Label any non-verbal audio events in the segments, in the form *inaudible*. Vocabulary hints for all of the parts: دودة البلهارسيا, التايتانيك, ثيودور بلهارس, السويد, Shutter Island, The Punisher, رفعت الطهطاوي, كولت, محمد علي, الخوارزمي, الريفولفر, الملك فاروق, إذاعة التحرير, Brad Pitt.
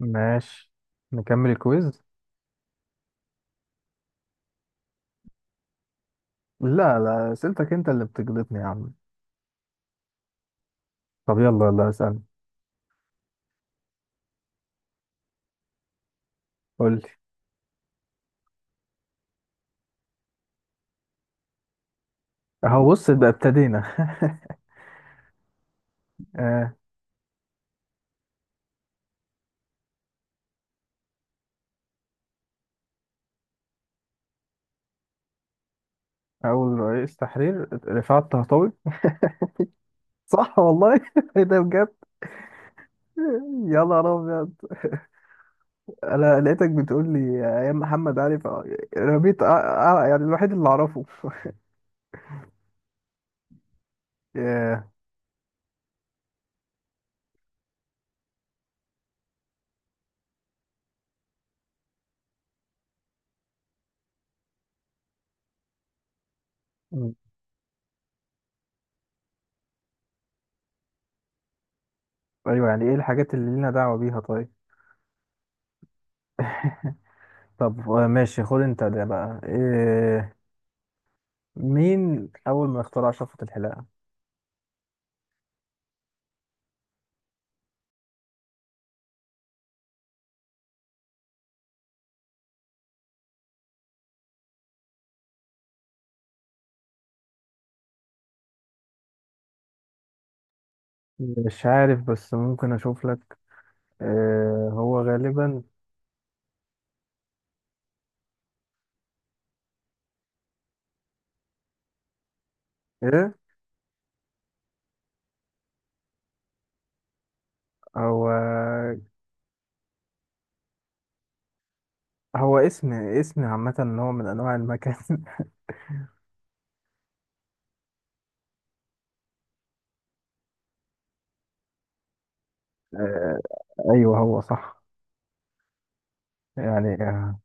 ماشي. نكمل الكويز. لا، لا، اسئلتك انت اللي بتجلطني يا عم. طب، يلا يلا اسألني. قول لي. اهو بص بقى ابتدينا. *laughs* آه. اول رئيس تحرير رفعت الطهطاوي. صح والله. *laughs* ايه ده بجد؟ يا نهار ابيض، انا لقيتك بتقول لي ايام محمد علي رميت. يعني الوحيد اللي اعرفه. *laughs* آه. ايوه، يعني ايه الحاجات اللي لنا دعوة بيها طيب؟ طب، ماشي، خد انت ده بقى. إيه مين اول ما اخترع شفرة الحلاقة؟ مش عارف، بس ممكن اشوف لك. هو غالبا. ايه؟ هو هو اسم عامة، نوع من انواع المكان. *laughs* آه ايوه، هو صح. يعني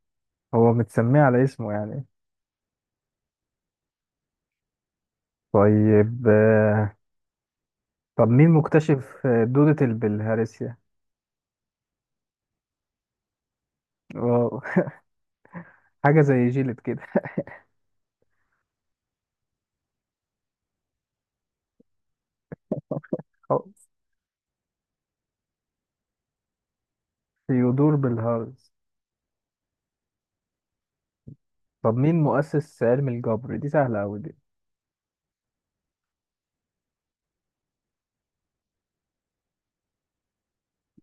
هو متسميه على اسمه يعني. طيب. طب مين مكتشف دودة البلهارسيا؟ واو، حاجة زي جيلد كده. أو، ثيودور بلهارس. طب، مين مؤسس علم الجبر؟ دي سهلة أوي دي.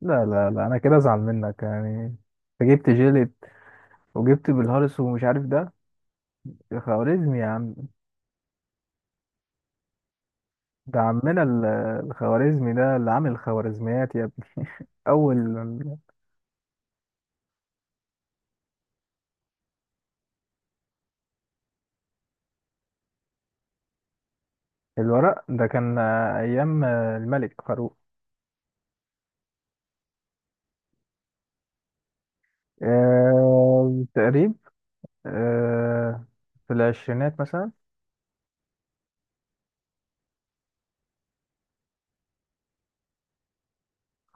لا، لا، لا، أنا كده أزعل منك يعني. أنت جبت جيلد وجبت بالهارس ومش عارف ده. يا خوارزمي يا عم. ده عمنا الخوارزمي ده اللي عامل الخوارزميات يا ابني. أول الورق ده كان أيام الملك فاروق. تقريب. آه، في العشرينات مثلا.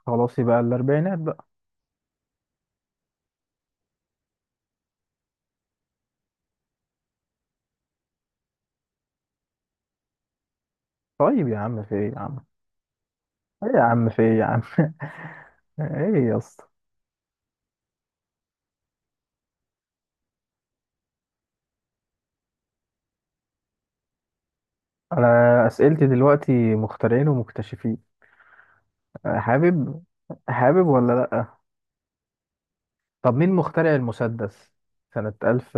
خلاص، يبقى الأربعينات بقى. طيب يا عم، في إيه يا عم؟ إيه يا عم، في إيه يا عم؟ *laughs* إيه يا اسطى؟ أنا أسئلتي دلوقتي مخترعين ومكتشفين. حابب. حابب ولا لأ؟ طب مين مخترع المسدس سنة 1000؟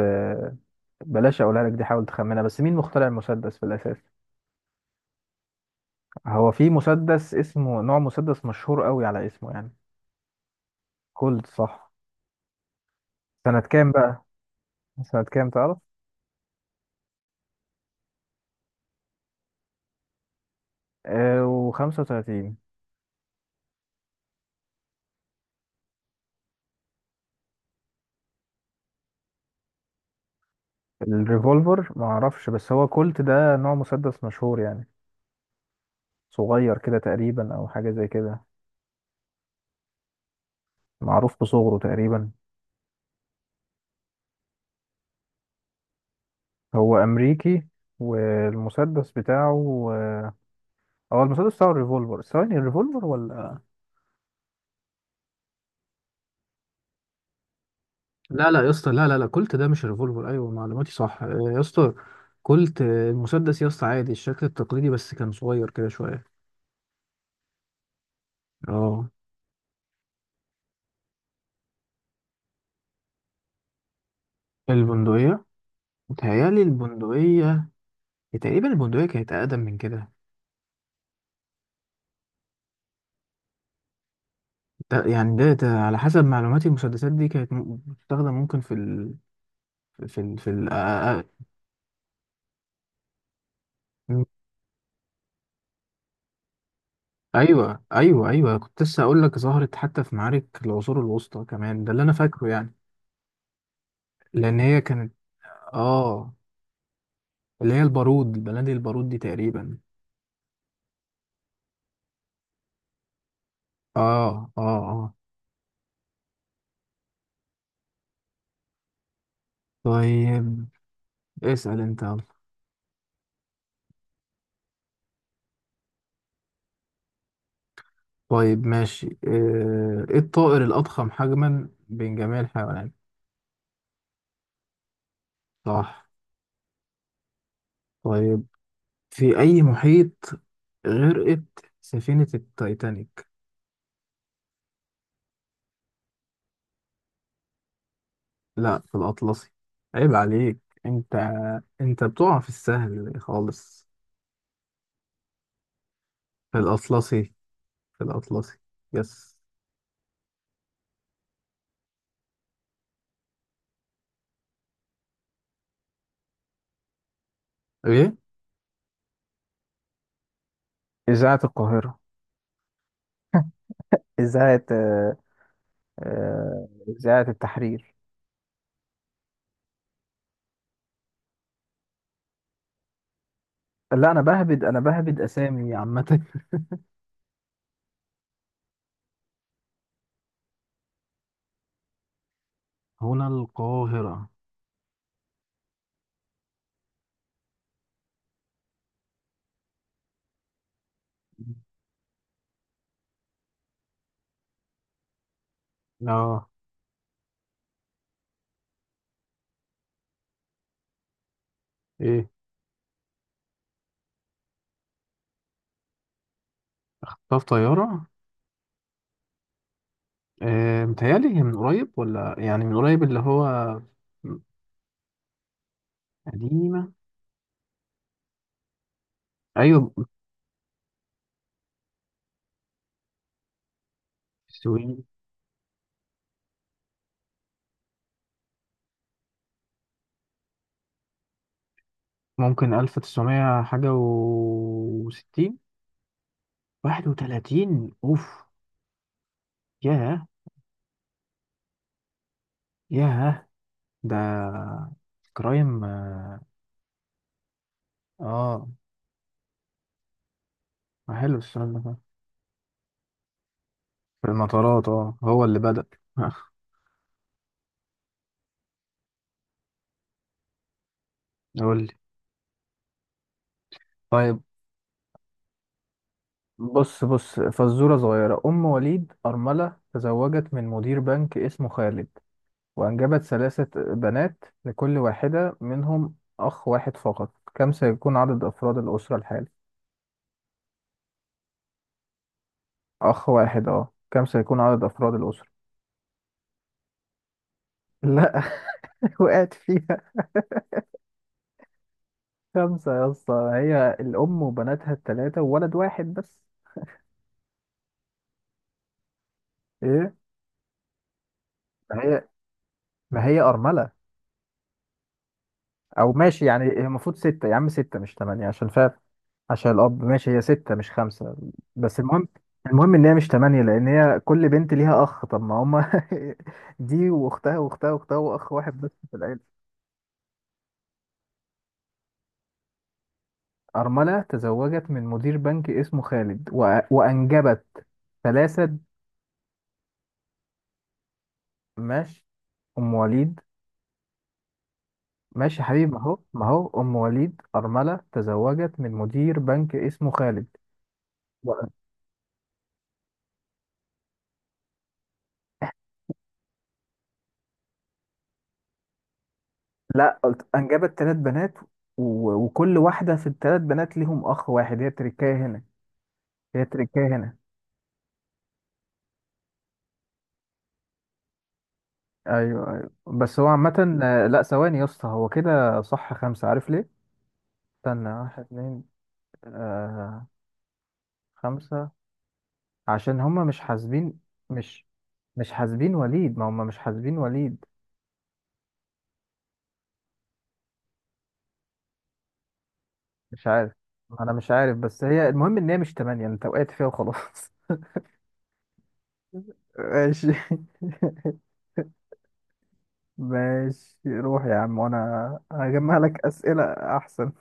بلاش أقولها لك دي، حاول تخمنها. بس مين مخترع المسدس في الأساس؟ هو في مسدس اسمه، نوع مسدس مشهور قوي على اسمه يعني. كولد، صح. سنة كام بقى؟ سنة كام تعرف؟ آه، وخمسة وتلاتين. الريفولفر معرفش، بس هو كولت ده نوع مسدس مشهور يعني. صغير كده تقريبا، أو حاجة زي كده. معروف بصغره تقريبا. هو أمريكي، والمسدس بتاعه آه، هو المسدس بتاعه الريفولفر. ثواني، الريفولفر ولا؟ لا، لا يا اسطى، لا، لا، لا، كولت ده مش ريفولفر. ايوه معلوماتي صح يا اسطى. كولت المسدس يا اسطى عادي، الشكل التقليدي بس كان صغير كده شويه. اه. البندقيه، متهيألي البندقيه، تقريبا البندقيه كانت اقدم من كده. ده على حسب معلوماتي المسدسات دي كانت بتستخدم، ممكن في ال ايوه، ايوه، ايوه، كنت لسه اقول لك، ظهرت حتى في معارك العصور الوسطى كمان، ده اللي انا فاكره يعني. لان هي كانت اه اللي هي البارود بلدي، البارود دي تقريبا. اه، اه، اه. طيب، اسأل انت يلا. طيب، ماشي. ايه الطائر الأضخم حجما بين جميع الحيوانات؟ صح. طيب، في أي محيط غرقت سفينة التايتانيك؟ لا، في الأطلسي، عيب عليك انت انت بتقع في السهل خالص. في الأطلسي. في الأطلسي. يس. ايه؟ إذاعة القاهرة. إذاعة آه، آه، إذاعة التحرير. لا، أنا بهبد أسامي عامة. هنا القاهرة. اه. ايه؟ طب، طيارة؟ متهيألي هي من قريب، ولا يعني من قريب اللي هو. قديمة، أيوة. السويد. ممكن 1960. 31، أوف. ياه. ياه، ده كرايم آه. آه. حلو السؤال ده. في المطارات، هو اللي بدأ. *laughs* قول لي. طيب، بص بص، فزورة صغيرة. أم وليد أرملة تزوجت من مدير بنك اسمه خالد، وأنجبت ثلاثة بنات، لكل واحدة منهم أخ واحد فقط. كم سيكون عدد أفراد الأسرة الحالي؟ أخ واحد. كم سيكون عدد أفراد الأسرة؟ لا. *laughs* وقعت فيها. خمسة يا اسطى، هي الأم وبناتها التلاتة وولد واحد بس. إيه؟ ما هي، ما هي أرملة. او، ماشي يعني، هي المفروض ستة يا عم، ستة مش تمانية، عشان فعلا عشان الاب، ماشي، هي ستة مش خمسة. بس المهم ان هي مش تمانية، لان هي كل بنت ليها اخ، طب ما هما. *laughs* دي واختها واختها واختها، واخ واحد بس في العيلة. أرملة تزوجت من مدير بنك اسمه خالد و... وأنجبت ثلاثة. ماشي. أم وليد. ماشي يا حبيبي، ما هو أم وليد أرملة تزوجت من مدير بنك اسمه خالد. لا، قلت انجبت ثلاث بنات، و... وكل واحده في الثلاث بنات ليهم اخ واحد. هي تركايه هنا. هي تركايه هنا. ايوه، ايوه، بس هو عامه لا، ثواني يا اسطى، هو كده صح خمسه، عارف ليه. استنى، واحد، اتنين. آه. خمسه، عشان هما مش حاسبين. مش مش حاسبين وليد، ما هما مش حاسبين وليد. مش عارف، ما انا مش عارف، بس هي المهم ان هي مش تمانية، انت وقعت فيها وخلاص. *laughs* ماشي. ماشي، روح يا عم، وانا هجمع لك اسئله. احسن.